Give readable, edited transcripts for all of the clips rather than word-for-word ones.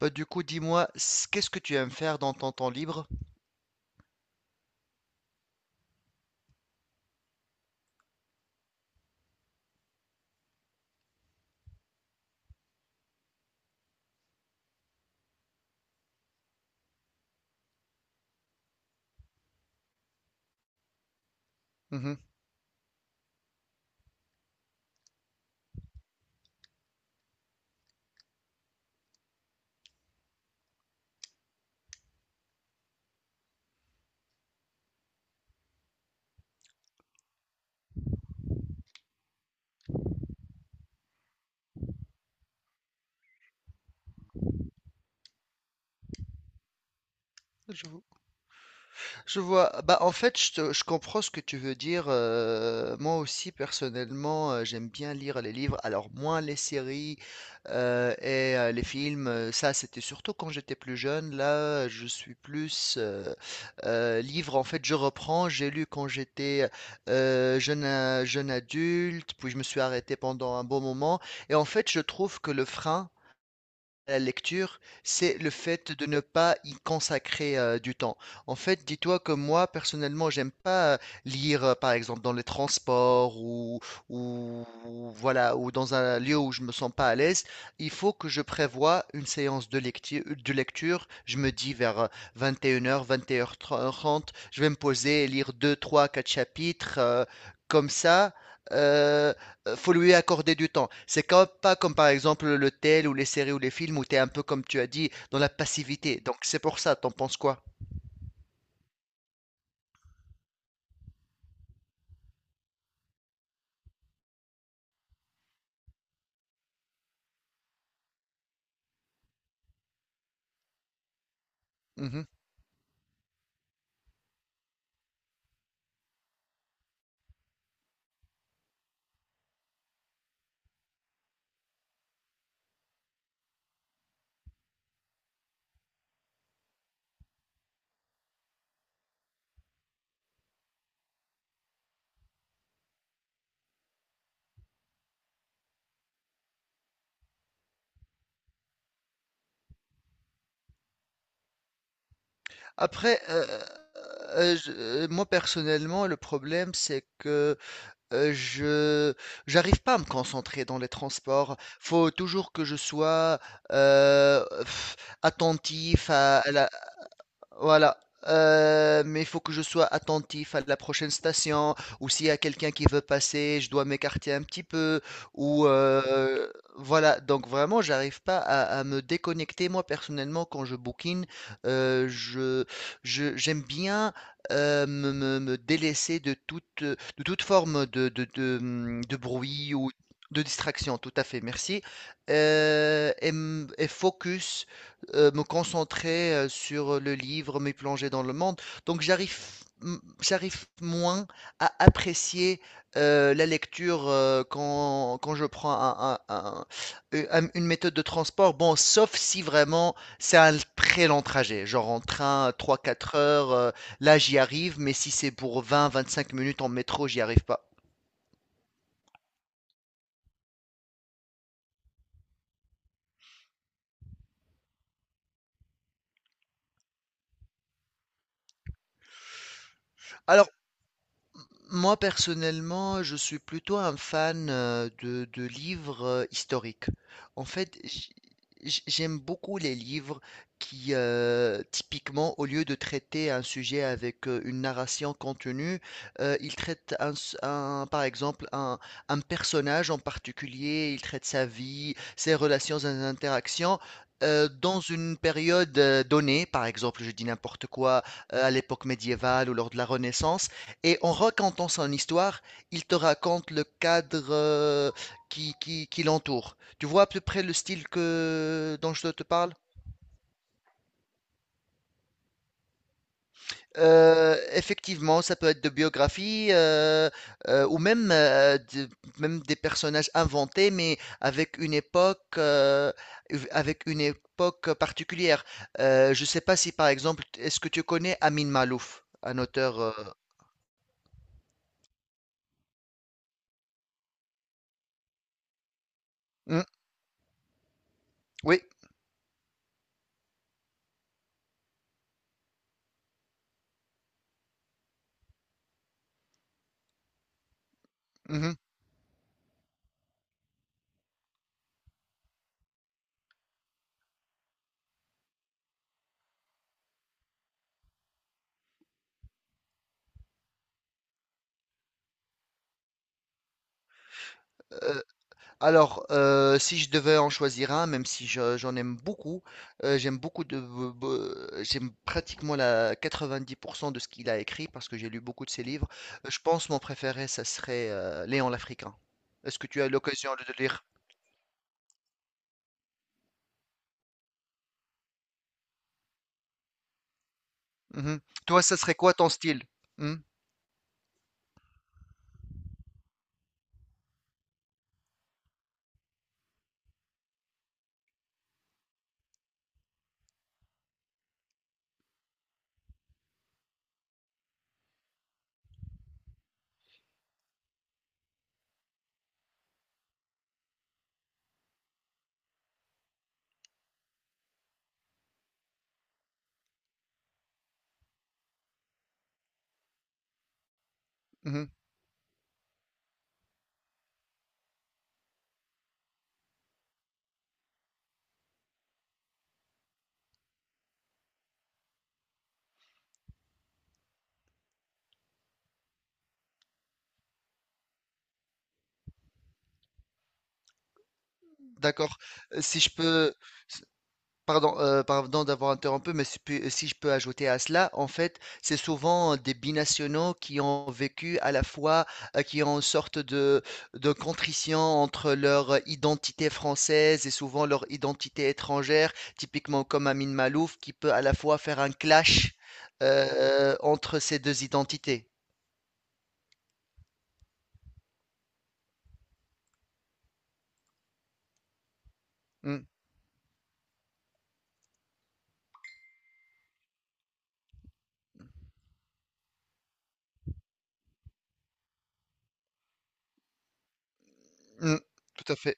Bah, du coup, dis-moi, qu'est-ce que tu aimes faire dans ton temps libre? Mhm, je Je vois. Bah, en fait, je comprends ce que tu veux dire. Moi aussi, personnellement, j'aime bien lire les livres. Alors, moins les séries et les films. Ça, c'était surtout quand j'étais plus jeune. Là, je suis plus livre. En fait, je reprends. J'ai lu quand j'étais jeune, jeune adulte, puis je me suis arrêté pendant un bon moment. Et en fait, je trouve que le frein la lecture, c'est le fait de ne pas y consacrer du temps. En fait, dis-toi que moi, personnellement, j'aime pas lire, par exemple, dans les transports ou voilà, ou dans un lieu où je me sens pas à l'aise. Il faut que je prévoie une séance de lecture. Je me dis vers 21h, heures 21h30. Je vais me poser et lire 2, 3, 4 chapitres, comme ça. euh, faut lui accorder du temps. C'est comme, pas comme par exemple le tel ou les séries ou les films où tu es un peu comme tu as dit dans la passivité. Donc c'est pour ça, t'en penses quoi? Mhm. Après, euh, moi personnellement, le problème c'est que je j'arrive pas à me concentrer dans les transports. Faut toujours que je sois euh, pff, attentif à la. Voilà. Mais il faut que je sois attentif à la prochaine station, ou s'il y a quelqu'un qui veut passer, je dois m'écarter un petit peu, ou voilà. Donc vraiment, j'arrive pas à me déconnecter. Moi, personnellement, quand je bookine, euh, je, j'aime bien me délaisser de toute forme de bruit ou de distraction. Tout à fait, merci. Et focus me concentrer sur le livre, me plonger dans le monde. Donc j'arrive moins à apprécier la lecture quand je prends une méthode de transport. Bon, sauf si vraiment c'est un très long trajet, genre en train trois quatre heures, là j'y arrive, mais si c'est pour vingt vingt-cinq minutes en métro, j'y arrive pas. Alors, moi, personnellement, je suis plutôt un fan de livres historiques. En fait, j'aime beaucoup les livres qui, typiquement, au lieu de traiter un sujet avec une narration contenue, ils traitent un, s- un- par exemple un personnage en particulier, ils traitent sa vie, ses relations, ses interactions. Dans une période donnée, par exemple, je dis n'importe quoi, à l'époque médiévale ou lors de la Renaissance, et en racontant son histoire, il te raconte le cadre qui l'entoure. Tu vois à peu près le style que, dont je te parle? Effectivement, ça peut être de biographie ou même, même des personnages inventés, mais avec une époque particulière. Je ne sais pas si, par exemple, est-ce que tu connais Amin Malouf, un auteur? Hmm, oui. Mhm. Euh, Alors, si je devais en choisir un, même si j'en aime beaucoup, j'aime beaucoup de, be- be- j'aime pratiquement la 90% de ce qu'il a écrit parce que j'ai lu beaucoup de ses livres. Je pense mon préféré, ça serait Léon l'Africain. Est-ce que tu as eu l'occasion de le lire? Mhm. Toi, ça serait quoi ton style? Mhm, mhm. D'accord. Si je peux, pardon d'avoir interrompu, mais si je peux ajouter à cela, en fait, c'est souvent des binationaux qui ont vécu à la fois, qui ont une sorte de contrition entre leur identité française et souvent leur identité étrangère, typiquement comme Amin Malouf, qui peut à la fois faire un clash entre ces deux identités. Mm, mm, tout à fait.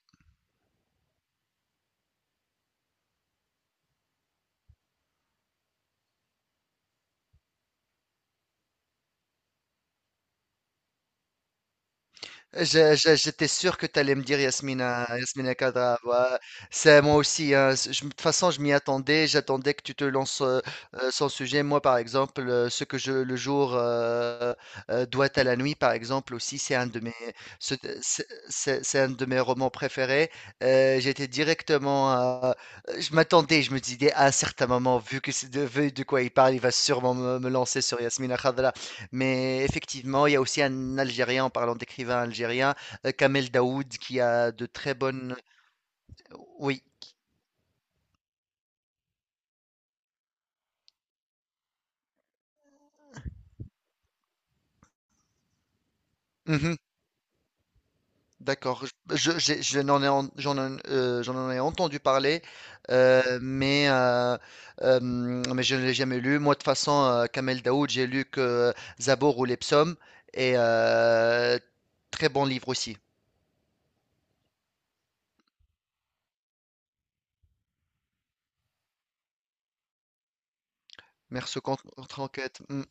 J'étais sûr que tu allais me dire Yasmina, Yasmina Kadra. Ouais. C'est moi aussi. Hein, de toute façon, je m'y attendais. J'attendais que tu te lances sans sujet. Moi, par exemple, ce que je le jour doit à la nuit, par exemple, aussi, c'est un de mes. Ce- c'est c'est- c'est un de mes romans préférés. J'étais directement. Je m'attendais. Je me disais à un certain moment, vu que c'est de, vu de quoi il parle, il va sûrement me lancer sur Yasmina Khadra. Mais effectivement, il y a aussi un Algérien, en parlant d'écrivain algérien, Kamel Daoud, qui a de très bonnes. Oui, mhm, d'accord. Je n'en ai, en- J'en en ai entendu parler, euh, mais, euh, mais je ne l'ai jamais lu. Moi, de toute façon, Kamel Daoud, j'ai lu que Zabor ou les psaumes, et très bon livre aussi. Merci contre enquête. Mm,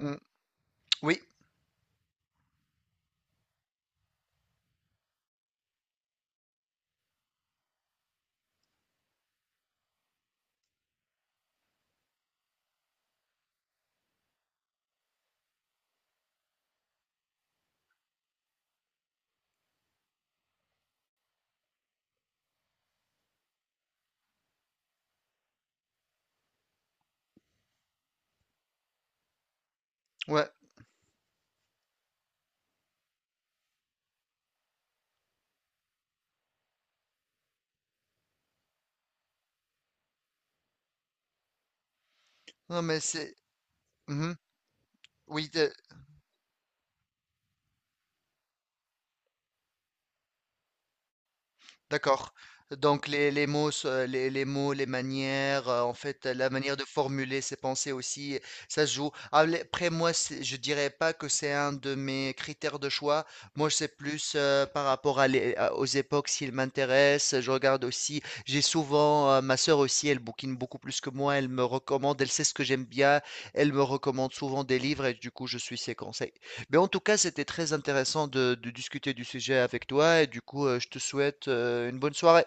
mm. Oui, ouais. Non, mais c'est. Mhm. Oui, d'accord. Donc les mots, les mots, les manières, en fait, la manière de formuler ses pensées aussi, ça se joue. Ah, après, moi, je dirais pas que c'est un de mes critères de choix. Moi, je sais plus par rapport aux époques, s'ils m'intéressent. Je regarde aussi. J'ai souvent, ma sœur aussi, elle bouquine beaucoup plus que moi. Elle me recommande, elle sait ce que j'aime bien. Elle me recommande souvent des livres et du coup, je suis ses conseils. Mais en tout cas, c'était très intéressant de discuter du sujet avec toi et du coup, je te souhaite une bonne soirée.